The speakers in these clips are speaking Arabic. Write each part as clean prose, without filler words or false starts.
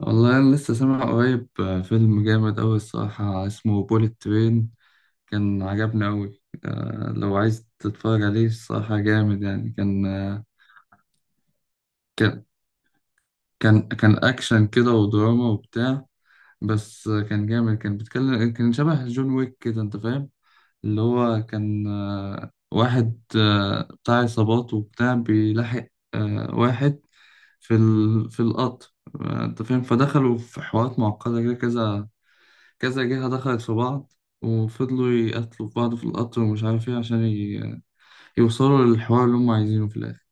والله أنا لسه سامع قريب فيلم جامد أوي الصراحة اسمه بوليت ترين. كان عجبني أوي لو عايز تتفرج عليه الصراحة جامد يعني. كان آه، كان كان كان أكشن كده ودراما وبتاع. بس كان جامد. كان بيتكلم، كان شبه جون ويك كده، أنت فاهم. اللي هو كان واحد بتاع عصابات وبتاع، بيلاحق واحد في القطر. أنت فاهم. فدخلوا في حوارات معقدة كده، كذا كذا جهة دخلت في بعض، وفضلوا يقتلوا في بعض في القطر ومش عارف ايه عشان يوصلوا للحوار اللي هم عايزينه في الآخر.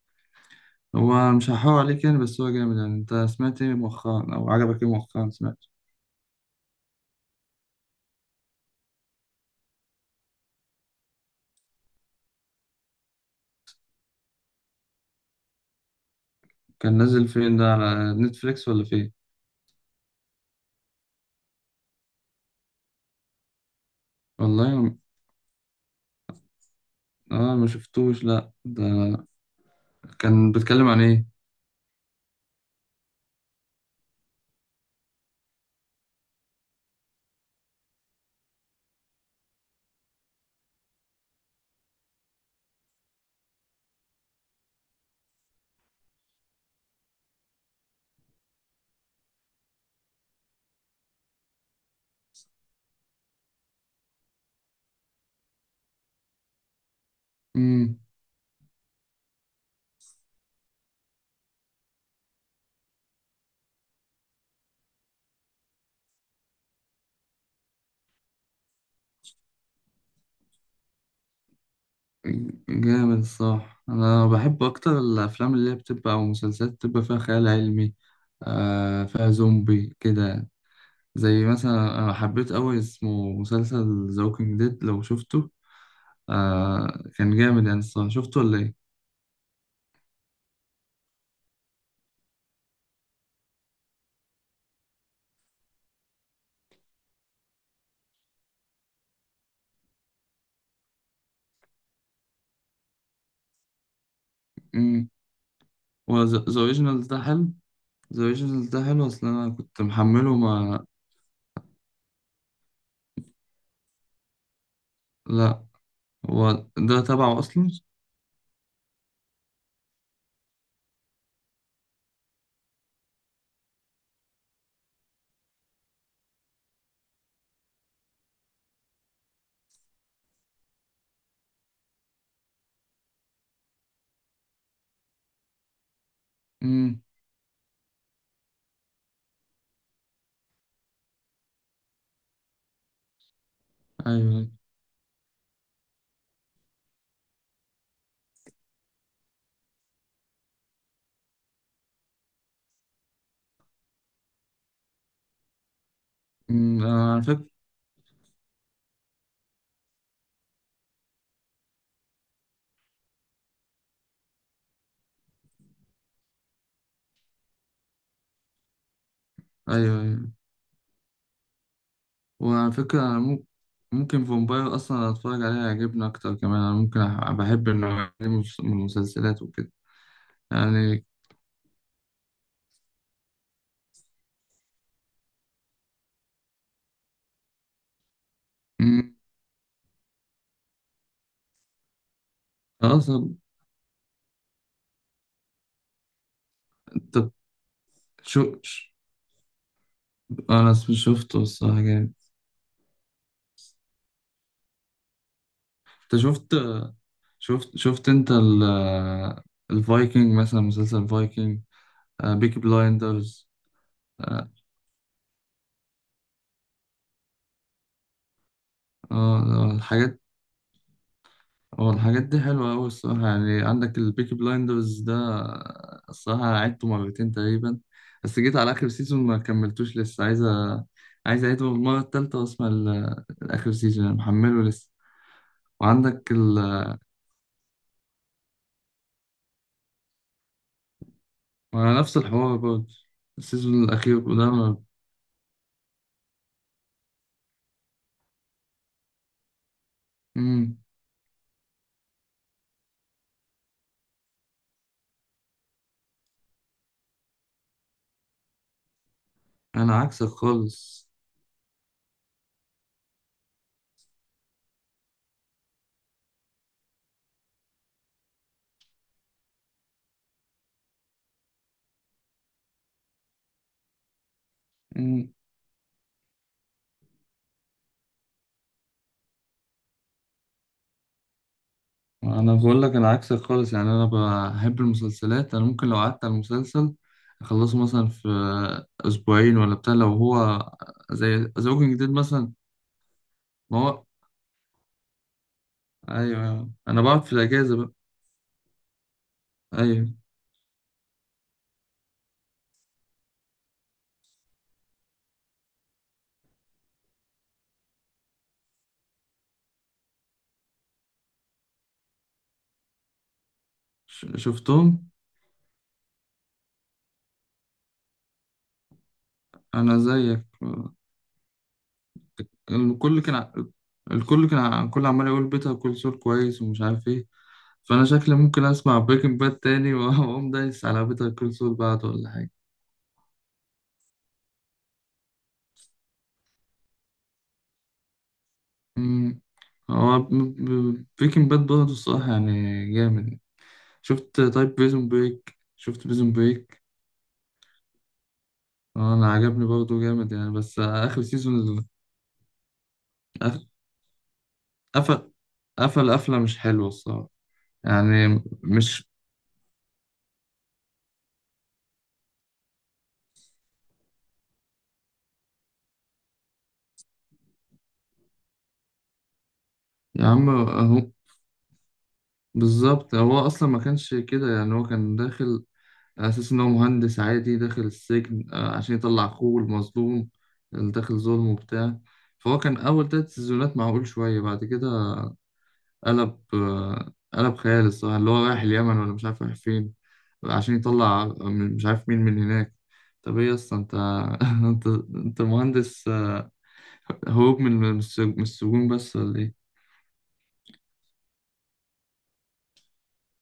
هو مش هحاول عليك يعني، بس هو جامد يعني. انت سمعت ايه مؤخرا او عجبك ايه مؤخرا سمعت؟ كان نازل فين ده، على نتفليكس ولا فين؟ والله اه ما شفتوش. لا ده كان بيتكلم عن ايه؟ امم، جامد الصراحة. انا بحب اكتر الافلام اللي هي بتبقى او مسلسلات بتبقى فيها خيال علمي، آه فيها زومبي كده يعني. زي مثلا أنا حبيت أوي اسمه مسلسل ذا ووكينج ديد، لو شفته آه كان جامد يعني الصراحة. شفته ولا إيه؟ امم. وذا أوريجينال ده حلو؟ ذا أوريجينال ده حلو، أصل أنا كنت محمله ما. لأ. هو ده تبعه أصلا؟ امم. أيوه. أنا على فكرة. أيوه أيوه. وعلى فكرة أنا ممكن، فامباير أصلا أتفرج عليه يعجبني أكتر كمان. أنا ممكن بحب النوع دي من من المسلسلات وكده يعني. امم. خلاص. طب شو، انا شفته الصراحة جامد. انت شفت انت الفايكنج مثلا، مسلسل فايكنج، بيكي بلايندرز. اه. آه، الحاجات، اه الحاجات دي حلوة أوي الصراحة يعني. عندك البيكي بلايندرز ده الصراحة عدته مرتين تقريبا، بس جيت على آخر سيزون ما كملتوش. لسه عايز عايز أعيده المرة التالتة وأسمع الآخر سيزون، أنا محمله لسه. وعندك ال... وعلى نفس الحوار برضه، السيزون الأخير ده ما-. مم. انا عكسك خالص. مم. انا بقول لك انا عكسك خالص يعني. انا بحب المسلسلات. انا ممكن لو قعدت على المسلسل اخلصه مثلا في اسبوعين ولا بتاع، لو هو زي زوجين جديد مثلا. ما هو ايوه أيوة. انا بقعد في الاجازه بقى. ايوه شفتهم. انا زيك. الكل كان ع- الكل عمال يقول بيتها كل سول كويس ومش عارف ايه. فانا شكلي ممكن اسمع بريكنج باد تاني واقوم دايس على بيتها كل سول بعده ولا حاجه. مم. هو بريكنج باد برضه الصراحة يعني جامد. شفت طيب بريزون بريك؟ شفت بريزون بريك؟ أنا عجبني برضه جامد يعني، بس آخر سيزون قفل، قفلة مش حلوة الصراحة. يعني مش. يا عم أهو بالظبط. هو أصلا ما كانش كده يعني. هو كان داخل على أساس إن هو مهندس عادي داخل السجن عشان يطلع أخوه المظلوم اللي داخل ظلم وبتاع. فهو كان أول تلات سيزونات معقول شوية، بعد كده قلب قلب خيال الصراحة، اللي هو رايح اليمن ولا مش عارف رايح فين، عشان يطلع من- مش عارف مين من هناك. طب ايه اصلا انت؟ انت انت مهندس هروب من من السجون بس ولا ايه؟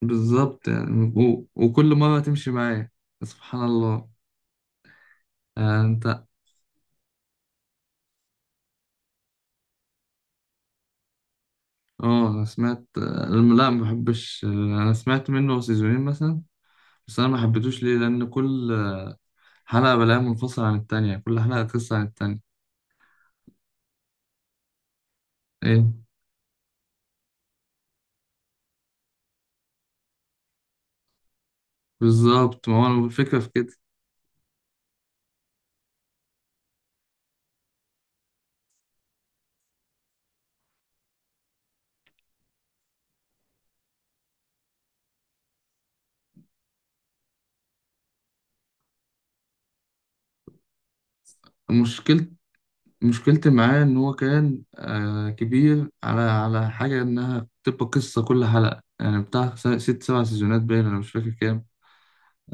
بالظبط يعني. وكل مرة تمشي معايا. سبحان الله. انت، اه انا سمعت لا ما بحبش. انا سمعت منه سيزونين مثلا، بس انا ما حبيتوش ليه لان كل حلقة بلاقيها منفصلة عن التانية، كل حلقة قصة عن التانية. ايه؟ بالظبط. ما هو أنا الفكرة في كده. مشكلة، مشكلتي معاه إن هو كان آه كبير على على حاجة إنها بتبقى قصة كل حلقة يعني، بتاع ست سبع سيزونات باين أنا مش فاكر كام.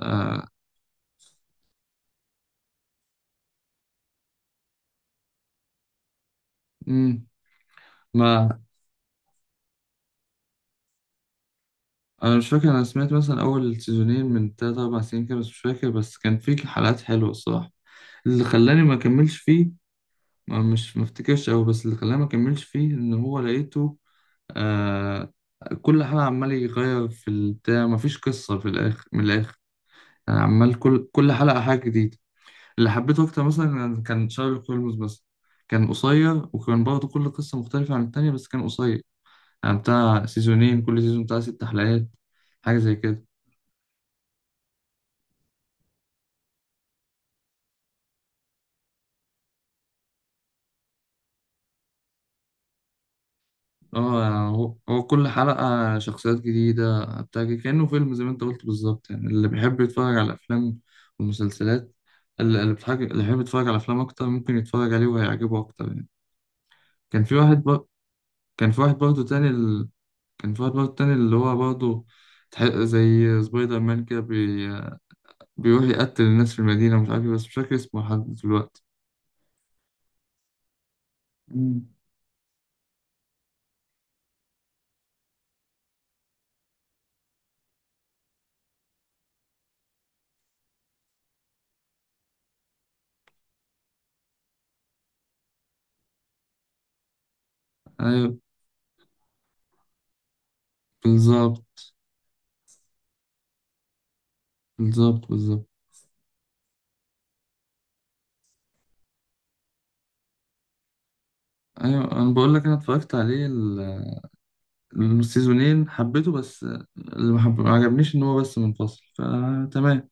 آه. مم. ما أنا مش فاكر. أنا سمعت مثلا أول سيزونين من تلات أربع سنين كده، بس مش فاكر، بس كان فيه حلقات حلوة الصراحة. اللي خلاني ما أكملش فيه، ما مش ما أفتكرش أوي، بس اللي خلاني ما أكملش فيه إن هو لقيته آه كل حلقة عمال يغير في البتاع، مفيش قصة في الآخر من الآخر يعني. عمال كل حلقة حاجة جديدة. اللي حبيته أكتر مثلا كان شارلوك هولمز بس. كان قصير وكان برضه كل قصة مختلفة عن التانية، بس كان قصير يعني بتاع سيزونين، كل سيزون بتاع ست حلقات، حاجة زي كده. اه يعني هو كل حلقة شخصيات جديدة بتاع كده. كأنه فيلم، زي ما انت قلت بالظبط يعني. اللي بيحب يتفرج على الأفلام والمسلسلات، اللي اللي بيحب يتفرج على أفلام أكتر ممكن يتفرج عليه وهيعجبه أكتر يعني. كان في واحد بر... كان في واحد برضه تاني ال... كان في واحد برضه تاني اللي هو برضه زي سبايدر مان كده بيروح يقتل الناس في المدينة مش عارف إيه، بس مش فاكر اسمه لحد دلوقتي. مم. أيوة بالظبط، بالظبط. أيوة أنا بقول لك أنا اتفرجت عليه السيزونين حبيته، بس اللي ما عجبنيش إن هو بس منفصل، فتمام.